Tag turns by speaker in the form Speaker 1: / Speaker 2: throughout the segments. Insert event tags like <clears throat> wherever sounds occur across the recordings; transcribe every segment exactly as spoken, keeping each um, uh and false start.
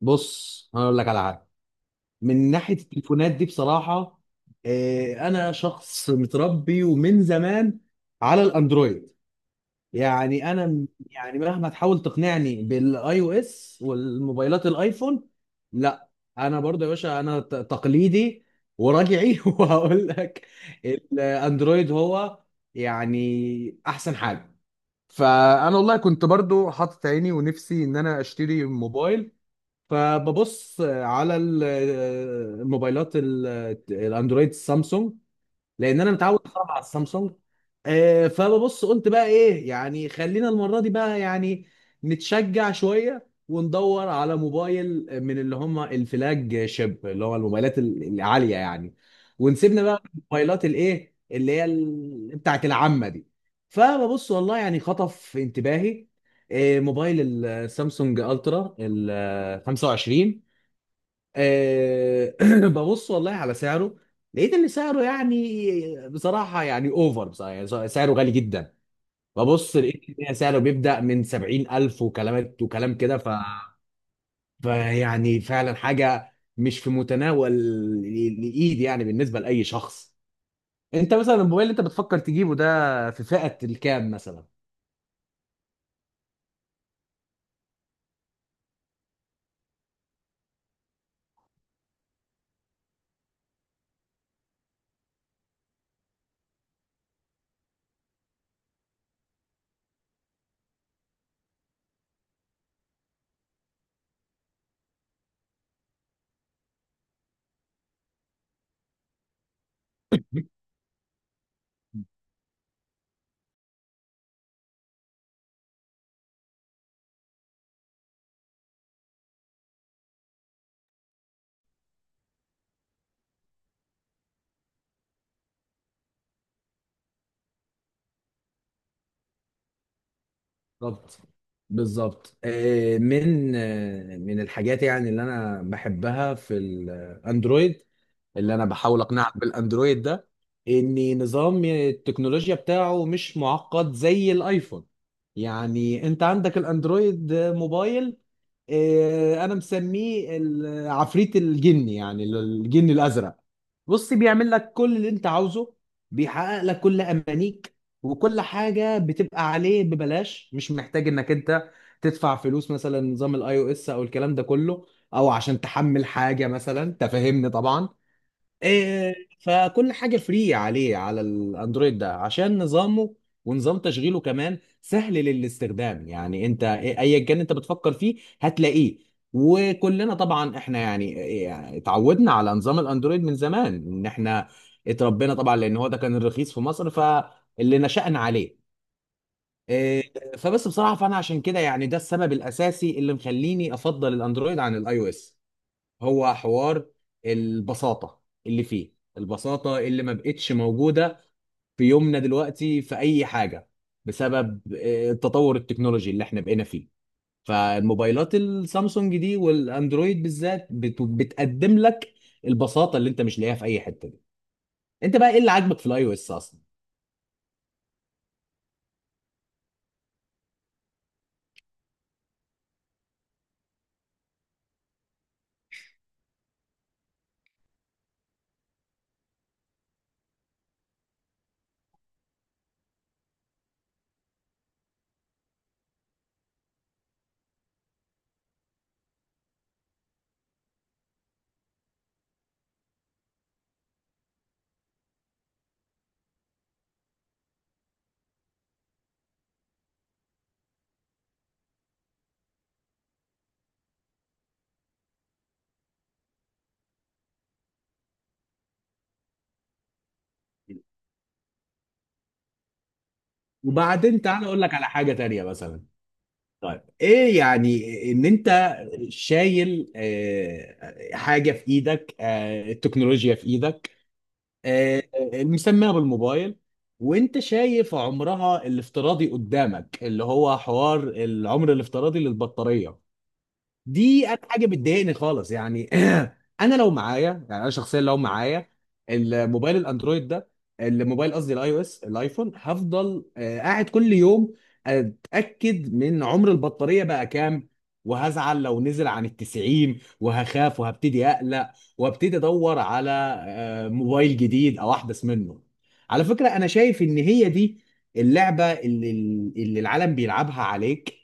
Speaker 1: بص انا اقول لك على حاجه من ناحيه التليفونات دي بصراحه. آه، انا شخص متربي ومن زمان على الاندرويد. يعني انا م- يعني مهما تحاول تقنعني بالاي او اس والموبايلات الايفون. لا، انا برضه يا باشا انا ت- تقليدي وراجعي <laughs> وهقول لك الاندرويد هو يعني احسن حاجه. فانا والله كنت برضه حاطط عيني ونفسي ان انا اشتري موبايل، فببص على ال- الموبايلات ال- الاندرويد سامسونج، لان انا متعود صراحه على السامسونج. آه، فببص قلت بقى ايه، يعني خلينا المره دي بقى، يعني نتشجع شويه وندور على موبايل من اللي هم الفلاج شيب، اللي هو الموبايلات ال- العاليه يعني، ونسيبنا بقى من الموبايلات الايه اللي هي ال- بتاعت العامه دي. فببص والله يعني خطف انتباهي، آه، موبايل السامسونج الترا ال خمسة وعشرين. آه، <clears throat> ببص والله على سعره، لقيت ان سعره يعني بصراحه يعني اوفر، بصراحه يعني سعره غالي جدا. ببص لقيت ان سعره بيبدا من سبعين ألف وكلامات وكلام وكلام كده. ف فيعني فعلا حاجه مش في متناول ال- الايد يعني بالنسبه لاي شخص. انت مثلا الموبايل اللي انت بتفكر تجيبه ده في فئه الكام مثلا؟ بالظبط بالظبط. آه، من آه، من الحاجات يعني اللي انا بحبها في الاندرويد، اللي انا بحاول اقنعك بالاندرويد ده، ان نظام التكنولوجيا بتاعه مش معقد زي الايفون. يعني انت عندك الاندرويد موبايل، آه، انا مسميه ال- عفريت الجن، يعني ال- الجن الازرق. بص بيعمل لك كل اللي انت عاوزه، بيحقق لك كل امانيك، وكل حاجه بتبقى عليه ببلاش. مش محتاج انك انت تدفع فلوس مثلا نظام الاي او اس او الكلام ده كله، او عشان تحمل حاجه مثلا، تفهمني طبعا. إيه، فكل حاجه فري عليه على الاندرويد ده عشان نظامه ونظام تشغيله كمان سهل للاستخدام. يعني انت إيه- ايا كان انت بتفكر فيه هتلاقيه. وكلنا طبعا احنا يعني إيه، اتعودنا على نظام الاندرويد من زمان، ان احنا اتربينا طبعا لان هو ده كان الرخيص في مصر، فاللي نشأنا عليه. إيه، فبس بصراحه فانا عشان كده، يعني ده السبب الاساسي اللي مخليني افضل الاندرويد عن الاي او اس. هو حوار البساطة، اللي فيه البساطة اللي ما بقتش موجودة في يومنا دلوقتي في أي حاجة، بسبب آه، التطور التكنولوجي اللي احنا بقينا فيه. فالموبايلات السامسونج دي والأندرويد بالذات بت- بتقدم لك البساطة اللي انت مش لاقيها في أي حتة دي. انت بقى ايه اللي عاجبك في الاي او اس اصلا؟ وبعدين تعالى اقول لك على حاجة تانية مثلا. طيب ايه يعني، ان انت شايل آه، حاجة في ايدك آه، التكنولوجيا في ايدك، آه، آه، مسميها بالموبايل، وانت شايف عمرها الافتراضي قدامك، اللي هو حوار العمر الافتراضي للبطارية. دي انا حاجه بتضايقني خالص. يعني <clears throat> انا لو معايا، يعني انا شخصيا لو معايا الموبايل الاندرويد ده، الموبايل قصدي الاي او اس الايفون، هفضل آه، قاعد كل يوم اتاكد من عمر البطاريه بقى كام، وهزعل لو نزل عن التسعين، وهخاف وهبتدي اقلق وابتدي ادور على آه، موبايل جديد او احدث منه. على فكره انا شايف ان هي دي اللعبه اللي اللي العالم بيلعبها عليك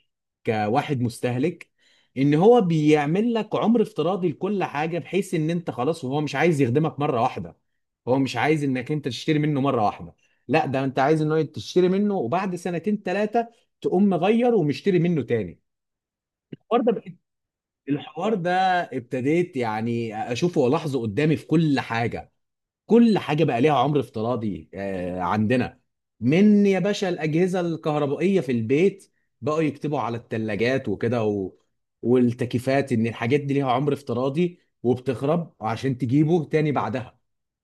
Speaker 1: كواحد مستهلك. ان هو بيعمل لك عمر افتراضي لكل حاجه، بحيث ان انت خلاص، وهو مش عايز يخدمك مره واحده، هو مش عايز انك انت تشتري منه مره واحده. لا، ده انت عايز ان هو تشتري منه وبعد سنتين ثلاثه تقوم مغير ومشتري منه تاني. الحوار ده بقيت- الحوار ده ابتديت يعني اشوفه والاحظه قدامي في كل حاجه. كل حاجه بقى ليها عمر افتراضي. آه، عندنا من يا باشا الاجهزه الكهربائيه في البيت، بقوا يكتبوا على الثلاجات وكده و... والتكييفات ان الحاجات دي ليها عمر افتراضي، وبتخرب عشان تجيبه تاني بعدها.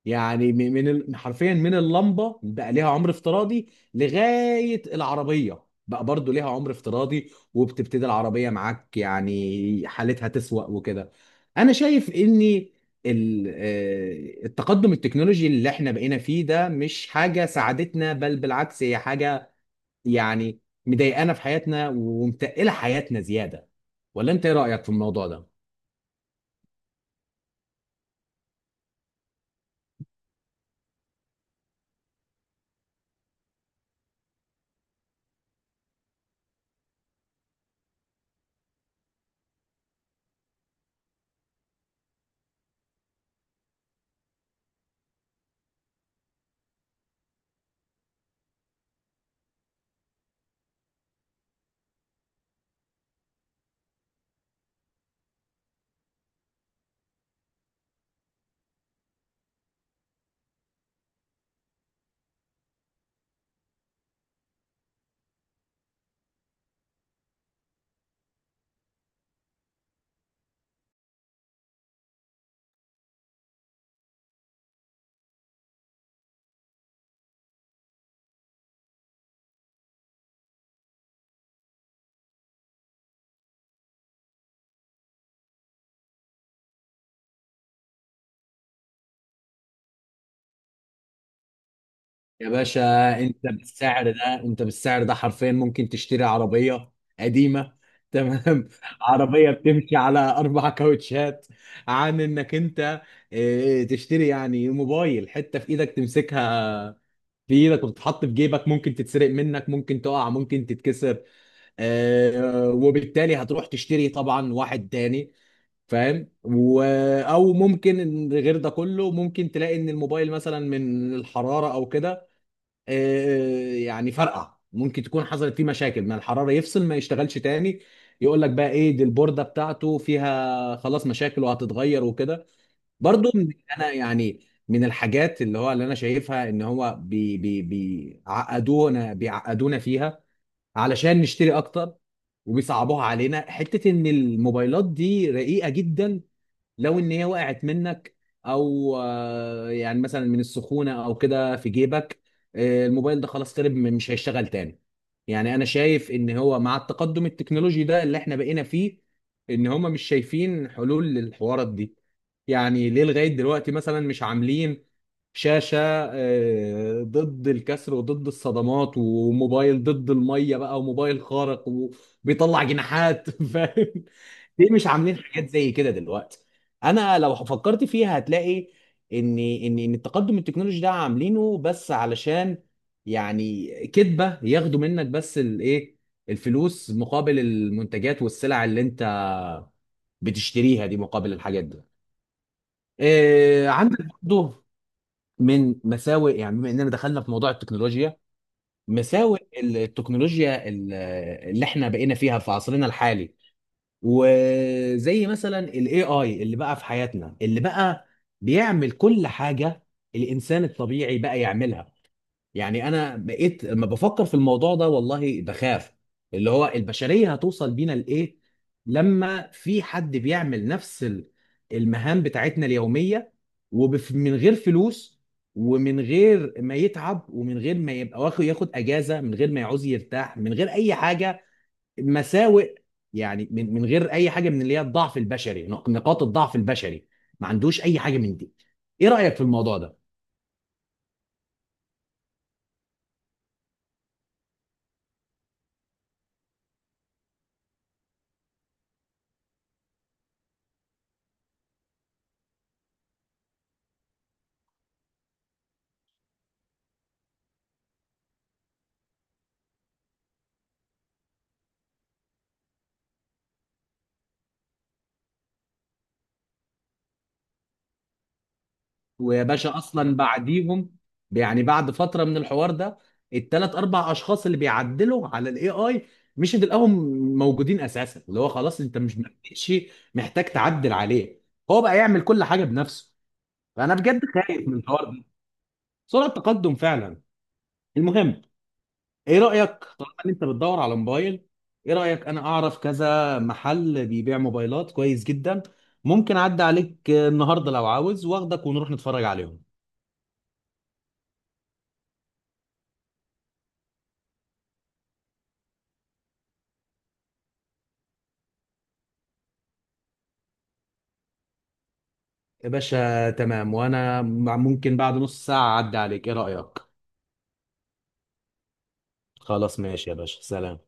Speaker 1: يعني م- من ال- حرفيا من اللمبه بقى ليها عمر افتراضي، لغايه العربيه بقى برضو ليها عمر افتراضي، وبتبتدي العربيه معاك يعني حالتها تسوأ وكده. انا شايف ان ال- آه، التقدم التكنولوجي اللي احنا بقينا فيه ده مش حاجة ساعدتنا، بل بالعكس هي حاجة يعني مضايقانا في حياتنا ومتقلة حياتنا زيادة. ولا انت ايه رأيك في الموضوع ده؟ يا باشا، انت بالسعر ده انت بالسعر ده حرفيا ممكن تشتري عربية قديمة، تمام؟ <laughs> عربية بتمشي على أربع كاوتشات، عن إنك أنت آه، تشتري يعني موبايل، حتة في إيدك تمسكها بايدك وتتحط في جيبك، ممكن تتسرق منك، ممكن تقع، ممكن تتكسر، آه، وبالتالي هتروح تشتري طبعا واحد تاني. فاهم؟ و... او ممكن إن غير ده كله ممكن تلاقي ان الموبايل مثلا من الحرارة او كده، آه آه، يعني فرقع. ممكن تكون حصلت فيه مشاكل ما الحرارة، يفصل، ما يشتغلش تاني، يقول لك بقى ايه، دي البوردة بتاعته فيها خلاص مشاكل وهتتغير وكده. برضو من- انا يعني من الحاجات اللي هو اللي انا شايفها، ان هو بي بي بيعقدونا بيعقدونا فيها علشان نشتري اكتر، وبيصعبوها علينا حتة ان الموبايلات دي رقيقة جدا. لو ان هي وقعت منك، او آه، يعني مثلا من السخونه او كده في جيبك، آه، الموبايل ده خلاص خرب، م- مش هيشتغل تاني. يعني انا شايف ان هو مع التقدم التكنولوجي ده اللي احنا بقينا فيه، ان هم مش شايفين حلول للحوارات دي. يعني ليه لغايه دلوقتي مثلا مش عاملين شاشه آه، ضد الكسر وضد الصدمات، وموبايل ضد الميه بقى، وموبايل خارق وبيطلع جناحات <laughs> فاهم؟ ليه مش عاملين حاجات زي كده دلوقتي؟ انا لو فكرت فيها هتلاقي ان ان ان التقدم التكنولوجي ده عاملينه بس علشان يعني كدبه، ياخدوا منك بس الايه، الفلوس مقابل المنتجات والسلع اللي انت بتشتريها دي، مقابل الحاجات دي. إيه عندك؟ برضه من مساوئ، يعني بما اننا دخلنا في موضوع التكنولوجيا، مساوئ التكنولوجيا ال- اللي احنا بقينا فيها في عصرنا الحالي. وزي مثلا الاي اي اللي بقى في حياتنا، اللي بقى بيعمل كل حاجه الانسان الطبيعي بقى يعملها. يعني انا بقيت لما بفكر في الموضوع ده والله بخاف، اللي هو البشريه هتوصل بينا لايه، لما في حد بيعمل نفس ال- المهام بتاعتنا اليوميه، ومن غير فلوس، ومن غير ما يتعب، ومن غير ما يبقى واخد ياخد اجازه، من غير ما يعوز يرتاح، من غير اي حاجه. مساوئ. يعني من من غير اي حاجه من اللي هي الضعف البشري، نق- نقاط الضعف البشري. ما عندوش اي حاجه من دي. ايه رايك في الموضوع ده؟ ويا باشا اصلا بعديهم، يعني بعد فتره من الحوار ده، الثلاث اربع اشخاص اللي بيعدلوا على الاي اي مش تلاقيهم موجودين اساسا. اللي هو خلاص انت مش مش محتاج تعدل عليه، هو بقى يعمل كل حاجه بنفسه. فانا بجد خايف من الحوار ده. سرعه تقدم فعلا. المهم، ايه رأيك؟ طالما ان انت بتدور على موبايل، ايه رأيك انا اعرف كذا محل بيبيع موبايلات كويس جدا، ممكن اعدي عليك النهارده لو عاوز، واخدك ونروح نتفرج عليهم. يا باشا تمام، وانا ممكن بعد نص ساعة اعدي عليك، ايه رأيك؟ خلاص ماشي يا باشا، سلام.